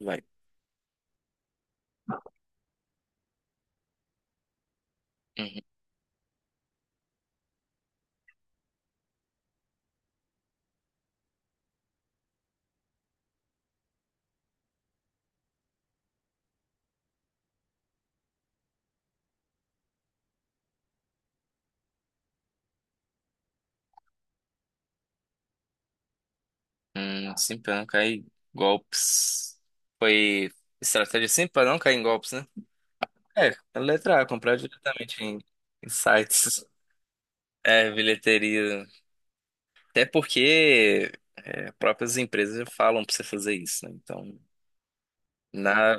Vai. Uhum. Sim, pra não cair em golpes. Foi Estratégia sim pra não cair em golpes, né? É, a letra A, comprar diretamente em, em sites. É, bilheteria. Até porque próprias empresas já falam pra você fazer isso, né? Então, na,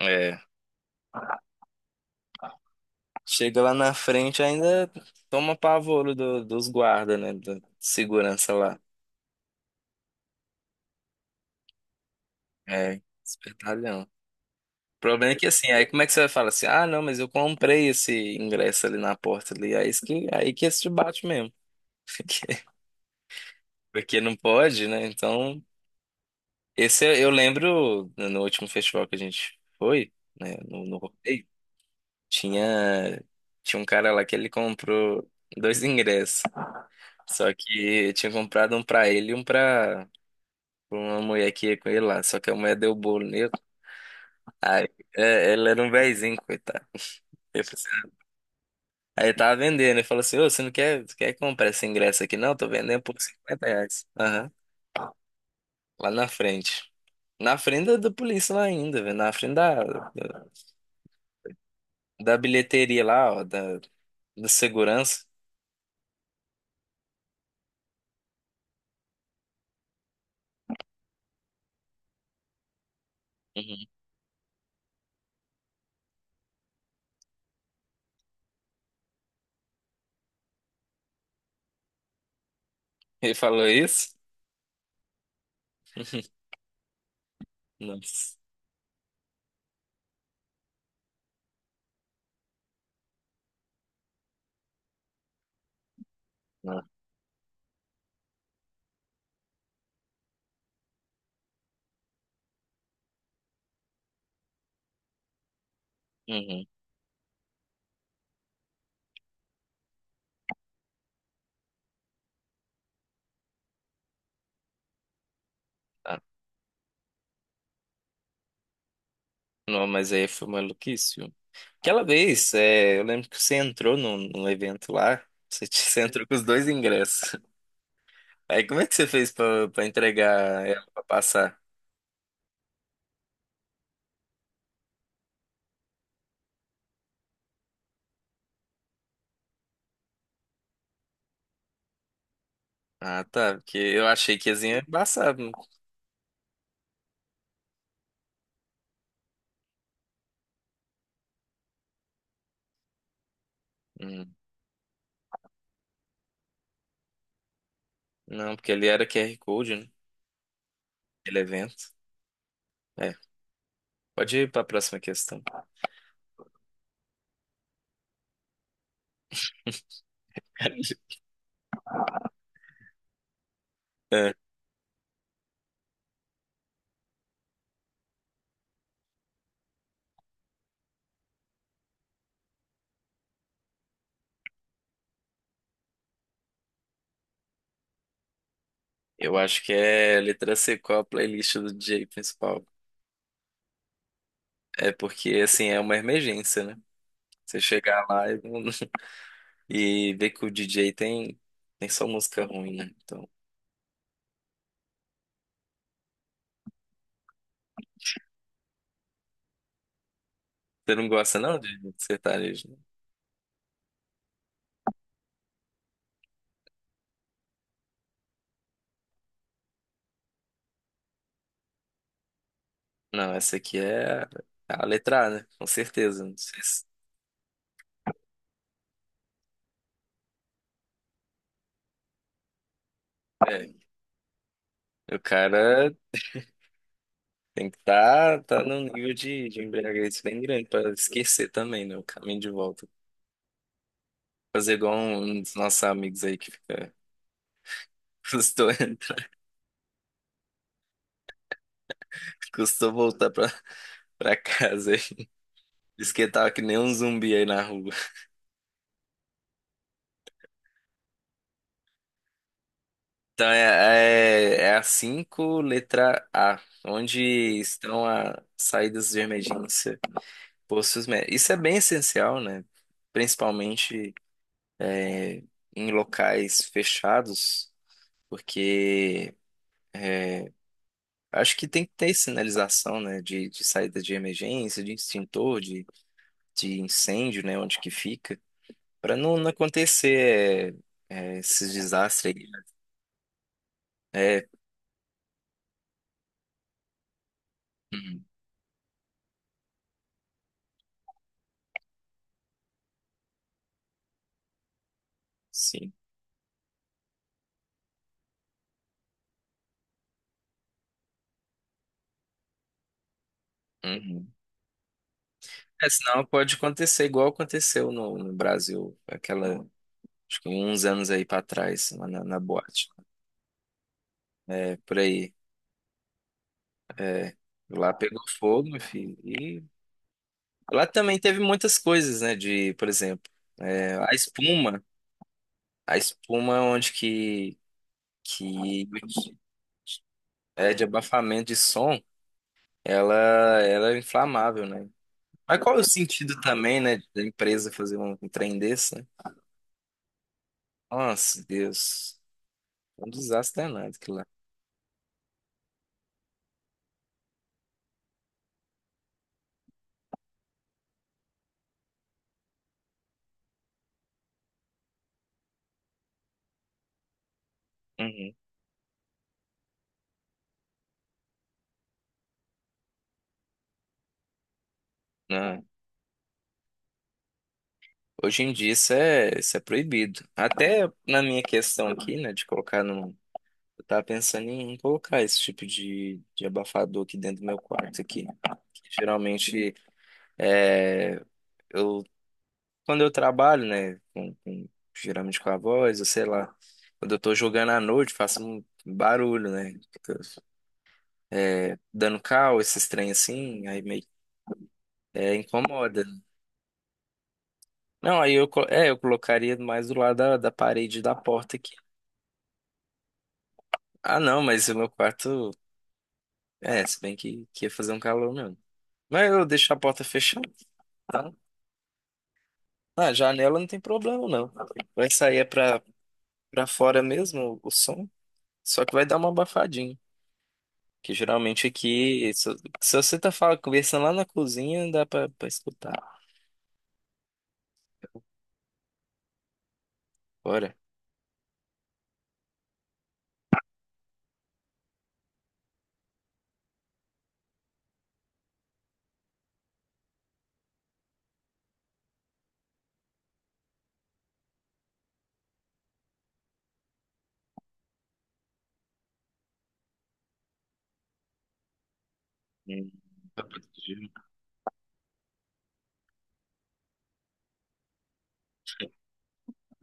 é, chega lá na frente ainda toma pavoro dos guardas, né? Da segurança lá. É, espertalhão. O problema é que assim, aí como é que você vai falar assim, ah, não, mas eu comprei esse ingresso ali na porta ali, aí isso que, aí que esse te bate mesmo, porque, porque não pode, né? Então, esse eu lembro no último festival que a gente foi, né, no, no rodeio, tinha, tinha um cara lá que ele comprou dois ingressos, só que tinha comprado um pra ele e um pra, pra uma mulher que ia com ele lá, só que a mulher deu bolo nele, aí é, ele era um vezinho, coitado. Aí tava vendendo, ele falou assim, ô, você não quer, quer comprar esse ingresso aqui não? Tô vendendo por 50 reais. Aham. Lá na frente. Na frente da, da polícia lá ainda, velho. Na frente da, da, da bilheteria lá, ó, da, da segurança. Uhum. Ele falou isso? Nossa. Não. Uhum. Tá. Não, mas aí foi maluquice, viu? Aquela vez, é, eu lembro que você entrou num, num evento lá, você, você entrou com os dois ingressos. Aí como é que você fez pra, pra entregar ela pra passar? Ah, tá. Porque eu achei que esse é embaçado. Hum, Não, porque ele era QR Code, né? Ele é evento. É. Pode ir para a próxima questão. É, eu acho que é letra C, qual a playlist do DJ principal? É porque, assim, é uma emergência, né? Você chegar lá e, não- e ver que o DJ tem, tem só música ruim, né? Então, você não gosta, não, de sertanejo, né? Não, essa aqui é a letra A, né? Com certeza. Não sei se... É, o cara tem que estar tá num nível de embriaguez bem grande para esquecer também, né? O caminho de volta. Fazer igual um dos nossos amigos aí que fica. Custou, custou voltar pra, pra casa, aí. Diz que tava que nem um zumbi aí na rua. Então é, é, é a 5 letra A, onde estão as saídas de emergência, postos médicos. Isso é bem essencial, né? Principalmente é, em locais fechados, porque. Acho que tem que ter sinalização, né, de saída de emergência, de extintor, de incêndio, né, onde que fica, para não, não acontecer é, é, esses desastres aí, né? É, uhum, sim, uhum. É, senão pode acontecer igual aconteceu no, no Brasil, aquela, acho que uns anos aí para trás, lá na, na boate. É por aí, é. Lá pegou fogo, meu filho. E lá também teve muitas coisas, né, de, por exemplo, é, a espuma. A espuma onde que é de abafamento de som, ela, ela é inflamável, né? Mas qual é o sentido também, né, da empresa fazer um, um trem desse, né? Nossa, Deus. Um desastre danado aquilo lá. Uhum. Não. Hoje em dia isso é proibido. Até na minha questão aqui, né, de colocar no. Eu tava pensando em colocar esse tipo de abafador aqui dentro do meu quarto aqui. Geralmente, é, eu quando eu trabalho, né, com geralmente com a voz, ou sei lá, quando eu tô jogando à noite, faço um barulho, né, é, dando cal, esses trem assim, aí meio é, incomoda. Não, aí eu, eu colocaria mais do lado da, da parede da porta aqui. Ah, não, mas o meu quarto, é, se bem que ia fazer um calor mesmo. Mas eu deixo a porta fechada, tá? Na janela não tem problema, não. Vai sair é pra, pra fora mesmo o som, só que vai dar uma abafadinha. Que geralmente aqui, se você tá falando, conversando lá na cozinha, dá pra, pra escutar. Olha.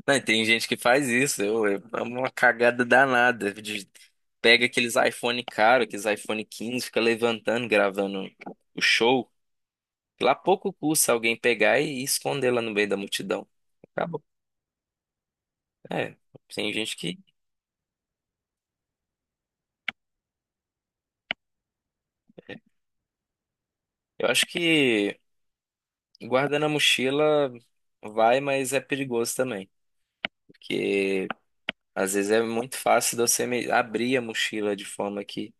Não, e tem gente que faz isso. Eu é uma cagada danada, de- pega aqueles iPhone caro, aqueles iPhone 15, fica levantando, gravando o show. Lá pouco custa alguém pegar e esconder lá no meio da multidão. Acabou. É, tem gente que. Eu acho que guardar na mochila vai, mas é perigoso também. Porque. Às vezes é muito fácil de você abrir a mochila de forma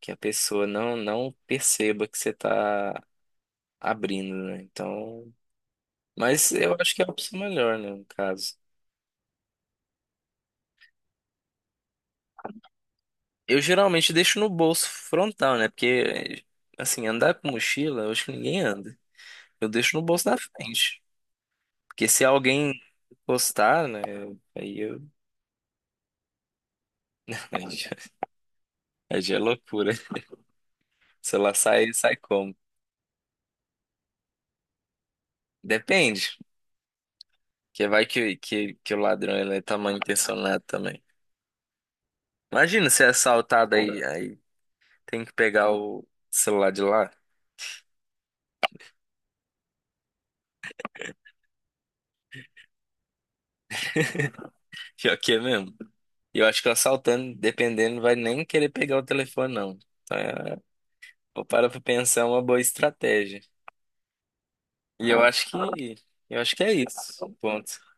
que a pessoa não, não perceba que você está abrindo, né? Então, mas eu acho que é a opção melhor, né, no caso. Eu geralmente deixo no bolso frontal, né? Porque, assim, andar com mochila, eu acho que ninguém anda. Eu deixo no bolso da frente. Porque se alguém encostar, né? Aí eu. Aí já é loucura. Se ela sai, sai como? Depende. Que vai que o ladrão ele é tá mal intencionado também. Imagina ser assaltado aí, aí tem que pegar o celular de lá. Pior que é mesmo. E eu acho que o assaltante, dependendo, vai nem querer pegar o telefone, não. Então, é, vou parar pra pensar é uma boa estratégia. E eu acho que é isso. Ponto.